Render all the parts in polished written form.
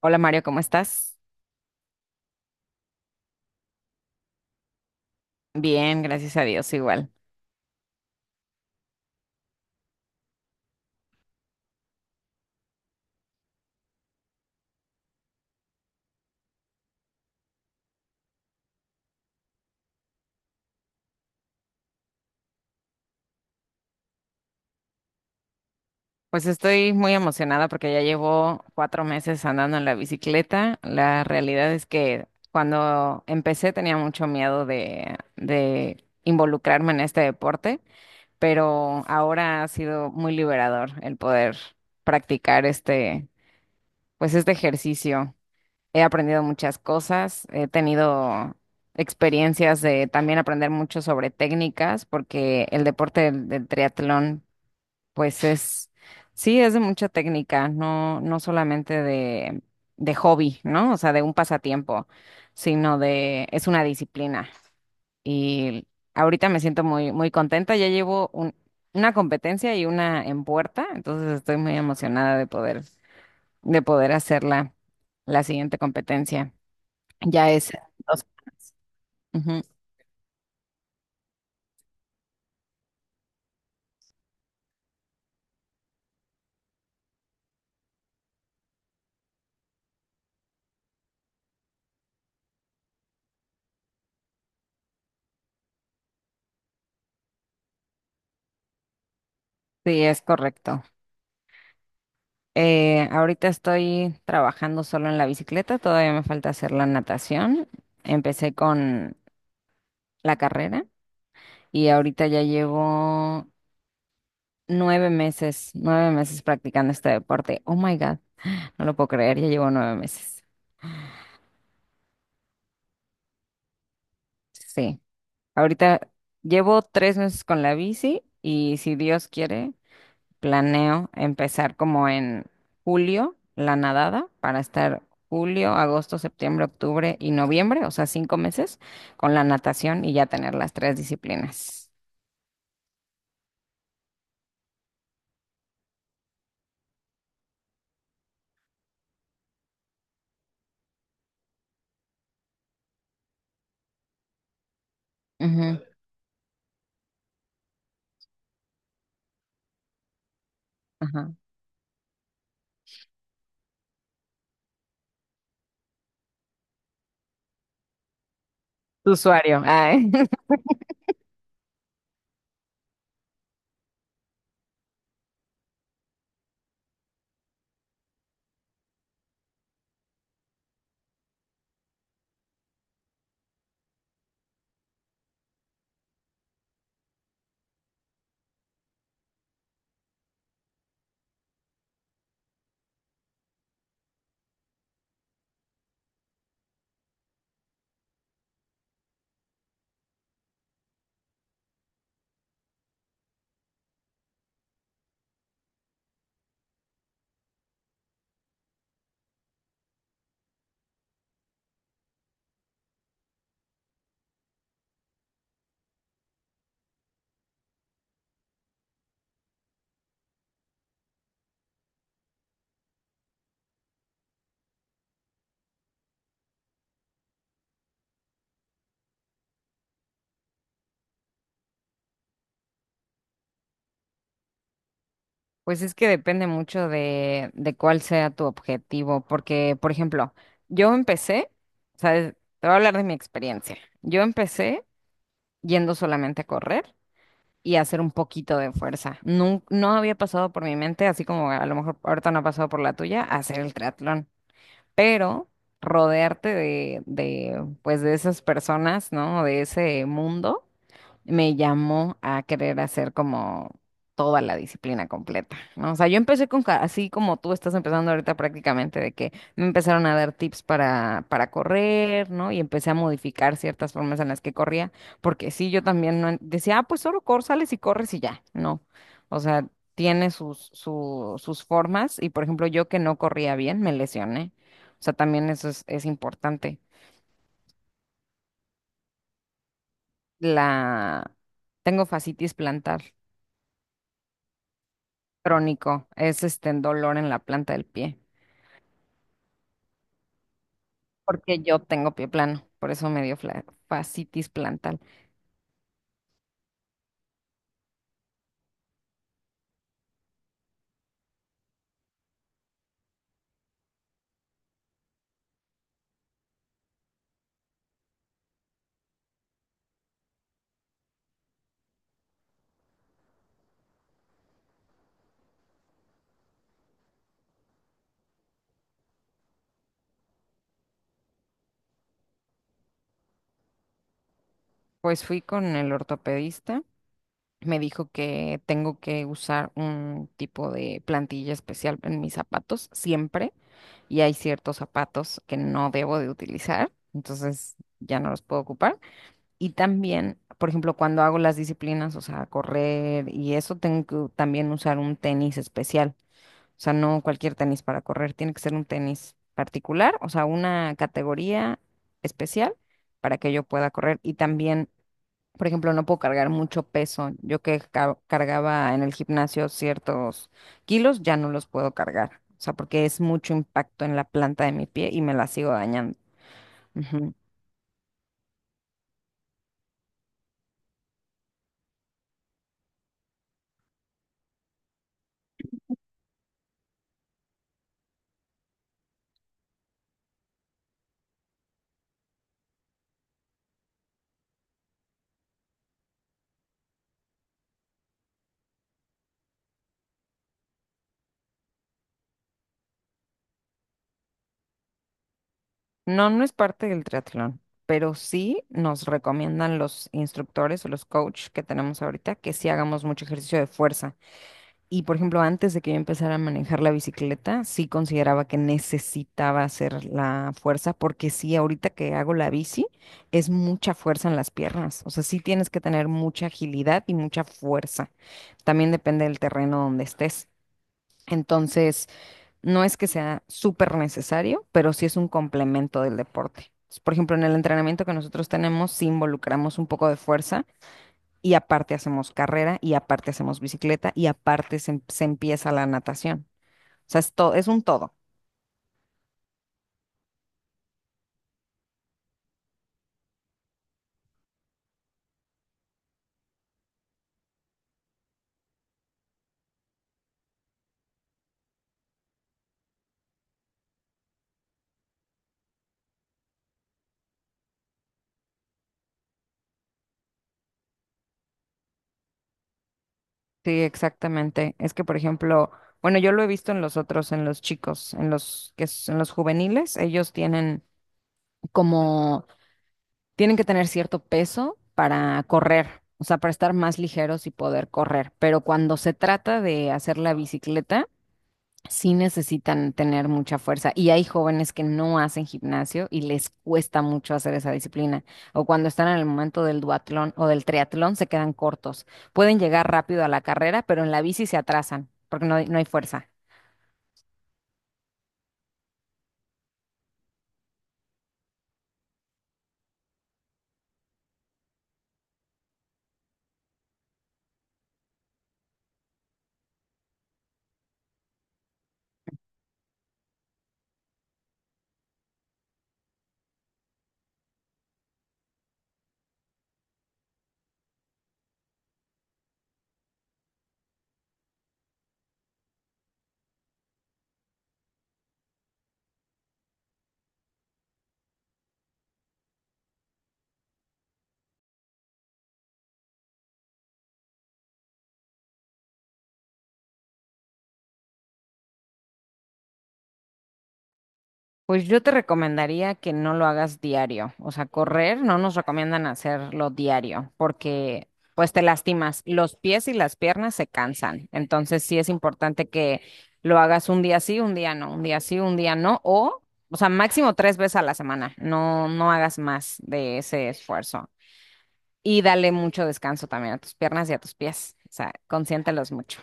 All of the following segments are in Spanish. Hola Mario, ¿cómo estás? Bien, gracias a Dios, igual. Pues estoy muy emocionada porque ya llevo 4 meses andando en la bicicleta. La realidad es que cuando empecé tenía mucho miedo de involucrarme en este deporte, pero ahora ha sido muy liberador el poder practicar este ejercicio. He aprendido muchas cosas, he tenido experiencias de también aprender mucho sobre técnicas, porque el deporte del triatlón, pues es, sí, es de mucha técnica, no, no solamente de hobby, ¿no? O sea, de un pasatiempo, sino de, es una disciplina. Y ahorita me siento muy, muy contenta, ya llevo una competencia y una en puerta, entonces estoy muy emocionada de poder hacer la siguiente competencia. Ya es, o sea, ujú, sí, es correcto. Ahorita estoy trabajando solo en la bicicleta, todavía me falta hacer la natación. Empecé con la carrera y ahorita ya llevo 9 meses, 9 meses practicando este deporte. Oh my God, no lo puedo creer, ya llevo nueve meses. Sí, ahorita llevo 3 meses con la bici y si Dios quiere, planeo empezar como en julio, la nadada, para estar julio, agosto, septiembre, octubre y noviembre, o sea, 5 meses con la natación y ya tener las tres disciplinas. Ujú, ajá. Tu usuario. Ay. Pues es que depende mucho de cuál sea tu objetivo, porque, por ejemplo, yo empecé, ¿sabes? Te voy a hablar de mi experiencia. Yo empecé yendo solamente a correr y hacer un poquito de fuerza. No, no había pasado por mi mente, así como a lo mejor ahorita no ha pasado por la tuya, hacer el triatlón, pero rodearte pues de esas personas, ¿no? De ese mundo me llamó a querer hacer como toda la disciplina completa, ¿no? O sea, yo empecé así como tú estás empezando ahorita prácticamente, de que me empezaron a dar tips para correr, ¿no? Y empecé a modificar ciertas formas en las que corría, porque sí, yo también no decía, ah, pues solo sales y corres y ya, no. O sea, tiene sus formas y, por ejemplo, yo que no corría bien, me lesioné. O sea, también eso es importante. La... Tengo fascitis plantar. Crónico, es este dolor en la planta del pie, porque yo tengo pie plano, por eso me dio fascitis plantal. Pues fui con el ortopedista, me dijo que tengo que usar un tipo de plantilla especial en mis zapatos siempre, y hay ciertos zapatos que no debo de utilizar, entonces ya no los puedo ocupar. Y también, por ejemplo, cuando hago las disciplinas, o sea, correr y eso, tengo que también usar un tenis especial. O sea, no cualquier tenis para correr, tiene que ser un tenis particular, o sea, una categoría especial para que yo pueda correr. Y también, por ejemplo, no puedo cargar mucho peso. Yo que cargaba en el gimnasio ciertos kilos, ya no los puedo cargar. O sea, porque es mucho impacto en la planta de mi pie y me la sigo dañando. Ujú. No, no es parte del triatlón, pero sí nos recomiendan los instructores o los coaches que tenemos ahorita que sí hagamos mucho ejercicio de fuerza. Y por ejemplo, antes de que yo empezara a manejar la bicicleta, sí consideraba que necesitaba hacer la fuerza, porque sí, ahorita que hago la bici, es mucha fuerza en las piernas. O sea, sí tienes que tener mucha agilidad y mucha fuerza. También depende del terreno donde estés. Entonces, no es que sea súper necesario, pero sí es un complemento del deporte. Por ejemplo, en el entrenamiento que nosotros tenemos, sí involucramos un poco de fuerza y aparte hacemos carrera y aparte hacemos bicicleta y aparte se empieza la natación. O sea, es todo, es un todo. Sí, exactamente. Es que, por ejemplo, bueno, yo lo he visto en los otros, en los chicos, en los juveniles, ellos como tienen que tener cierto peso para correr, o sea, para estar más ligeros y poder correr. Pero cuando se trata de hacer la bicicleta sí necesitan tener mucha fuerza y hay jóvenes que no hacen gimnasio y les cuesta mucho hacer esa disciplina o cuando están en el momento del duatlón o del triatlón se quedan cortos. Pueden llegar rápido a la carrera, pero en la bici se atrasan porque no, no hay fuerza. Pues yo te recomendaría que no lo hagas diario, o sea, correr no nos recomiendan hacerlo diario porque pues te lastimas, los pies y las piernas se cansan, entonces sí es importante que lo hagas un día sí, un día no, un día sí, un día no, o sea, máximo 3 veces a la semana, no, no hagas más de ese esfuerzo y dale mucho descanso también a tus piernas y a tus pies, o sea, consiéntelos mucho.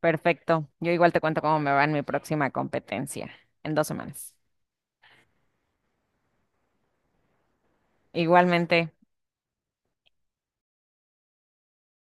Perfecto, yo igual te cuento cómo me va en mi próxima competencia en 2 semanas. Igualmente.